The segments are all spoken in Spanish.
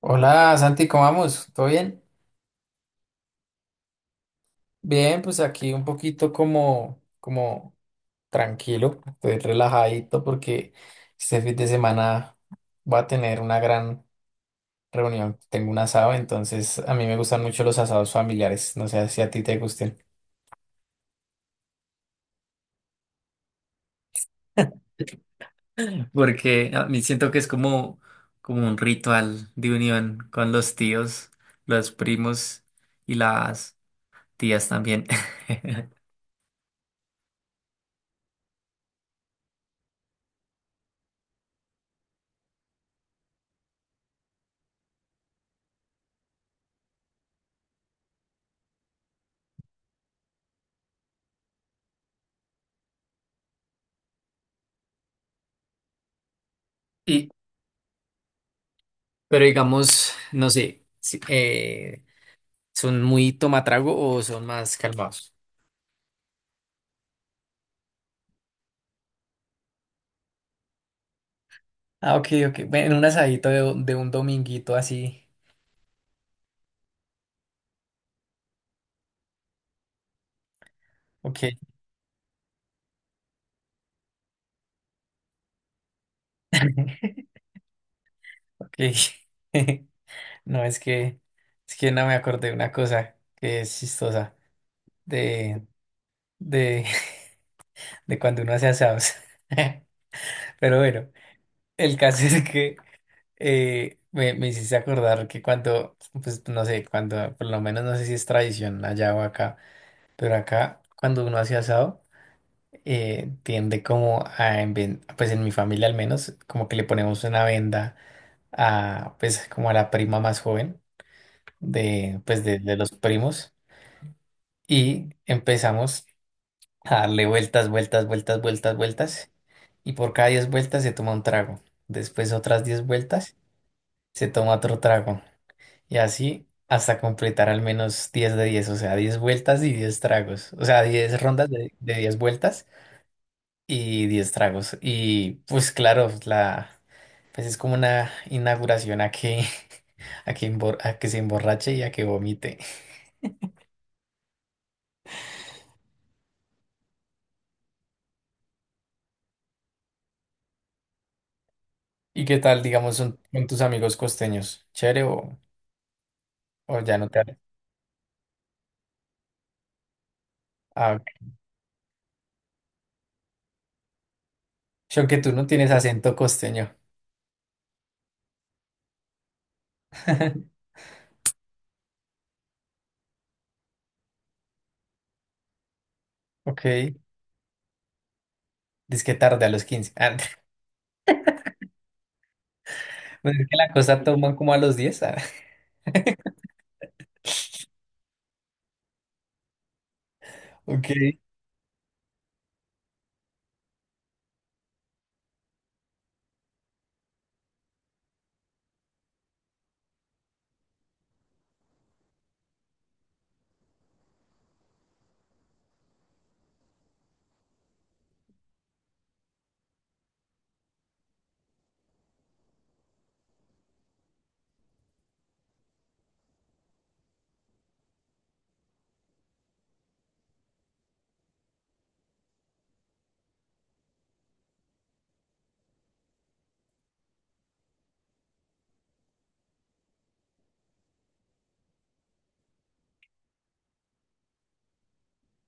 Hola Santi, ¿cómo vamos? ¿Todo bien? Bien, pues aquí un poquito como tranquilo, estoy relajadito porque este fin de semana voy a tener una gran reunión. Tengo un asado, entonces a mí me gustan mucho los asados familiares. No sé si a ti te gusten. Porque a mí siento que es como un ritual de unión con los tíos, los primos y las tías también. Y Pero digamos, no sé, ¿son muy tomatrago o son más calmados? Ah, ok, ok. Bueno, un asadito de un dominguito así. Ok, ok. No, es que no me acordé de una cosa que es chistosa de, de, de cuando uno hace asados. Pero bueno, el caso es que me hiciste acordar que cuando, pues no sé, cuando, por lo menos no sé si es tradición allá o acá. Pero acá, cuando uno hace asado, tiende como a, pues en mi familia al menos, como que le ponemos una venda a, pues como a la prima más joven de los primos y empezamos a darle vueltas, vueltas, vueltas, vueltas, vueltas y por cada 10 vueltas se toma un trago. Después otras 10 vueltas se toma otro trago y así hasta completar al menos 10 de 10, o sea, 10 vueltas y 10 tragos, o sea, 10 rondas de 10 vueltas y 10 tragos. Y pues claro, la, pues es como una inauguración a que, a que, a que se emborrache y a que vomite. ¿Y qué tal, digamos, son, con tus amigos costeños? ¿Chévere o ya no te hablan? Ah, ok. Sí, aunque tú no tienes acento costeño. Ok. Dice que tarde a los 15. Ah, pues es que la cosa toman como a los 10, ah. Ok.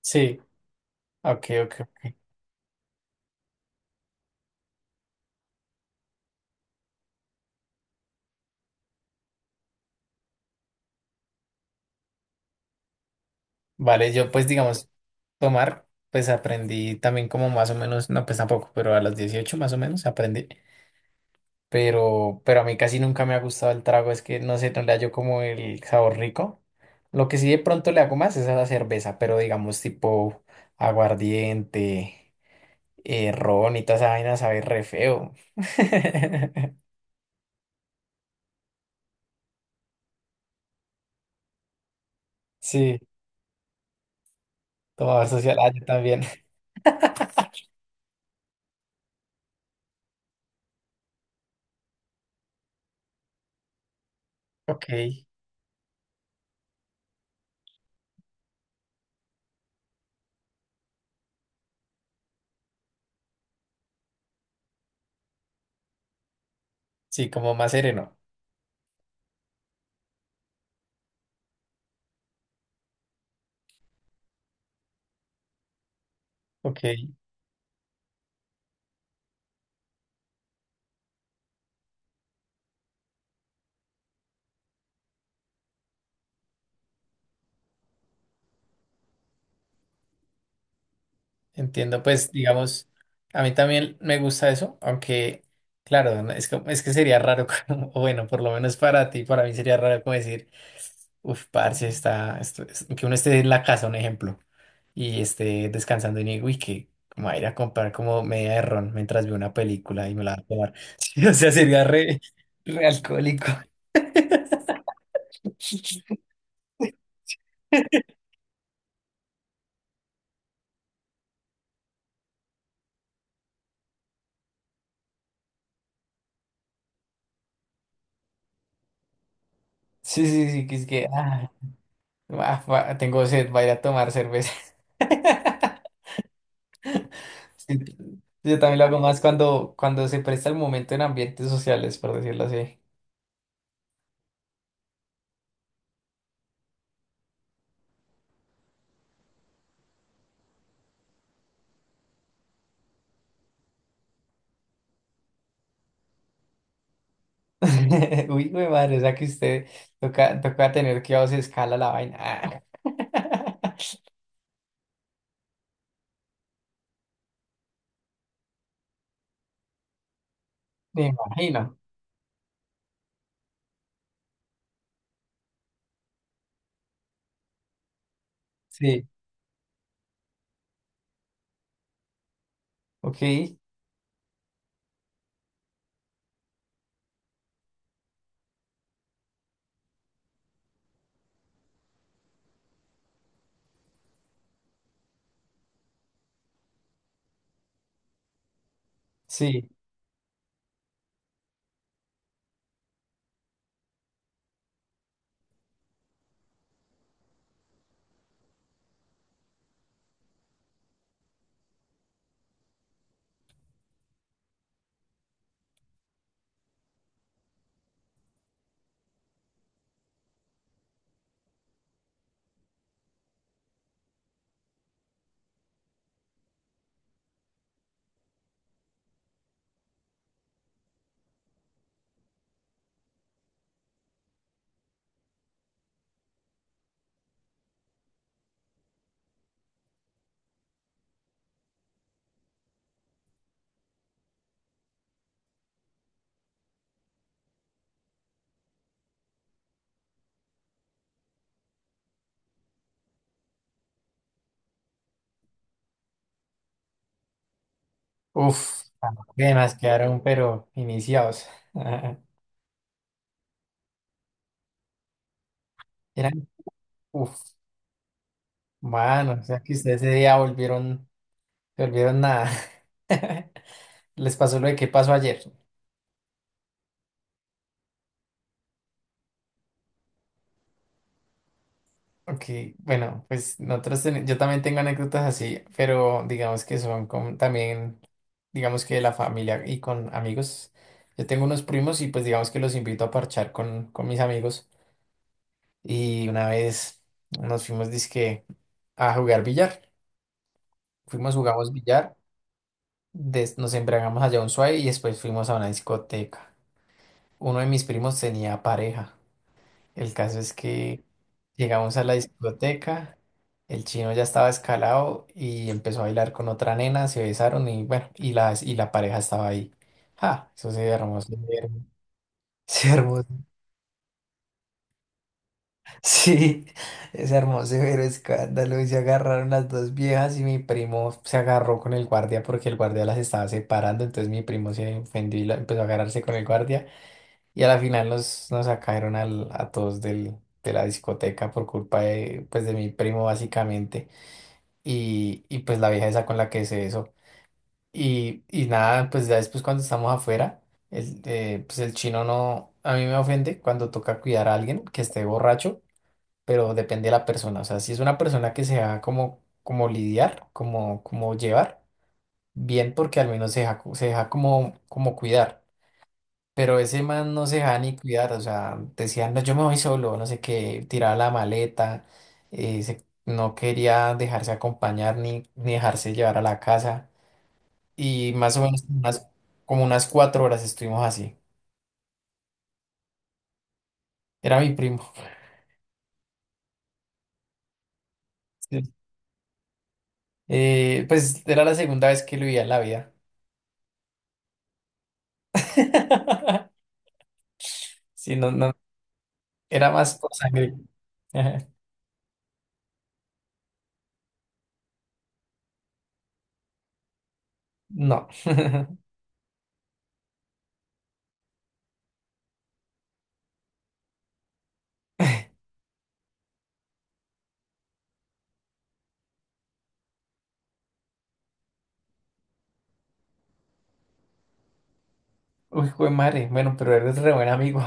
Sí. Ok, ok, ok. Vale, yo pues digamos, tomar, pues aprendí también como más o menos, no pues tampoco, pero a los 18 más o menos aprendí. Pero a mí casi nunca me ha gustado el trago, es que no sé, no le hallo como el sabor rico. Lo que sí de pronto le hago más es a la cerveza, pero digamos tipo aguardiente, ron y toda esa vaina sabe re feo. Sí, tomar social, ah, yo también. Ok, sí, como más sereno. Ok. Entiendo, pues digamos, a mí también me gusta eso, aunque claro, no, es que sería raro, como- o bueno, por lo menos para ti, para mí sería raro como decir, uff, parce, está, esto es- que uno esté en la casa, un ejemplo, y esté descansando y digo, uy, que como a ir a comprar como media de ron mientras veo una película y me la va a tomar. Sí, o sea, sería re, re alcohólico. Sí, sí, sí, que es que, ah, ah, tengo sed, voy a ir a tomar cerveza. Sí, yo también lo hago más cuando se presta el momento en ambientes sociales, por decirlo así. Uy, güey, madre, o sea que usted toca tener que a se escala la vaina. Ah. Me imagino. Sí, ok, sí. Uf, además quedaron, pero iniciados. Eran, uf, bueno, o sea que ustedes ese día volvieron, se volvieron nada. Les pasó lo de qué pasó ayer. Ok, bueno, pues nosotros yo también tengo anécdotas así, pero digamos que son con también, digamos que de la familia y con amigos. Yo tengo unos primos y pues digamos que los invito a parchar con mis amigos. Y una vez nos fuimos dizque a jugar billar. Fuimos, jugamos billar, nos embriagamos allá un suave y después fuimos a una discoteca. Uno de mis primos tenía pareja. El caso es que llegamos a la discoteca, el chino ya estaba escalado y empezó a bailar con otra nena, se besaron y bueno, y la pareja estaba ahí. ¡Ja! Eso se hermoso, se hermoso. Sí, es hermoso, pero escándalo. Y se agarraron las dos viejas y mi primo se agarró con el guardia porque el guardia las estaba separando. Entonces mi primo se ofendió y empezó a agarrarse con el guardia. Y a la final nos sacaron a todos de la discoteca por culpa de, pues, de mi primo, básicamente. Y pues la vieja esa con la que hice eso. Y nada, pues ya después cuando estamos afuera, pues el chino no, a mí me ofende cuando toca cuidar a alguien que esté borracho, pero depende de la persona. O sea, si es una persona que se deja como lidiar, como llevar, bien porque al menos se deja como cuidar. Pero ese man no se dejaba ni cuidar, o sea, decía no, yo me voy solo, no sé qué, tiraba la maleta, no quería dejarse acompañar ni dejarse llevar a la casa. Y más o menos unas, como unas 4 horas estuvimos así. Era mi primo. Sí. Pues era la segunda vez que lo veía en la vida. Sí, no, no, era más por sangre. No. Uy, jue madre, bueno, pero eres re buen amigo.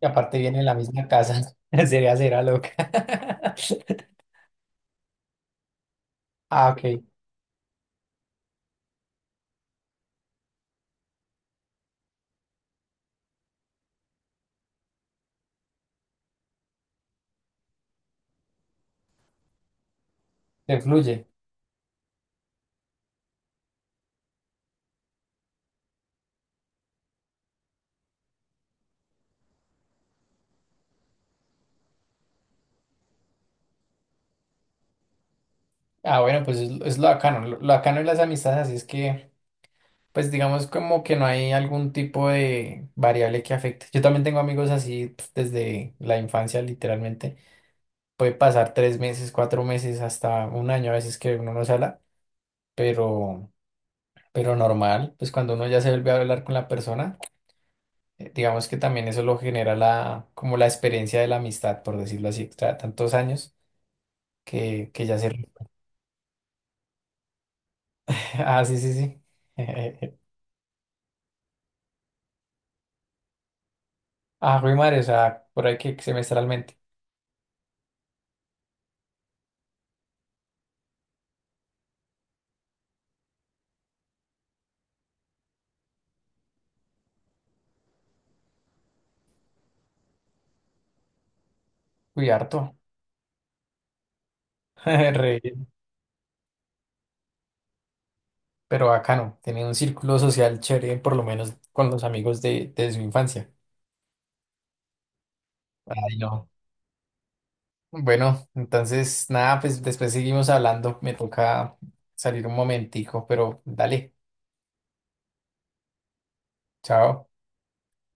Y aparte viene en la misma casa. Sería será loca. Ah, ok. Te fluye. Ah, bueno, pues es lo bacano. Lo bacano de las amistades, así es que, pues digamos como que no hay algún tipo de variable que afecte. Yo también tengo amigos así pf, desde la infancia, literalmente. Puede pasar 3 meses, 4 meses, hasta un año a veces que uno no se habla, pero, pero normal, pues cuando uno ya se vuelve a hablar con la persona. Digamos que también eso lo genera la, como la experiencia de la amistad, por decirlo así, tantos años que ya se... Ah, sí, sí, sí. Ah, Rui Mario, o sea, por ahí que semestralmente. Uy, harto. Re bien. Pero bacano, tenía un círculo social chévere, por lo menos con los amigos de su infancia. Ay, no. Bueno, entonces, nada, pues después seguimos hablando. Me toca salir un momentico, pero dale, chao.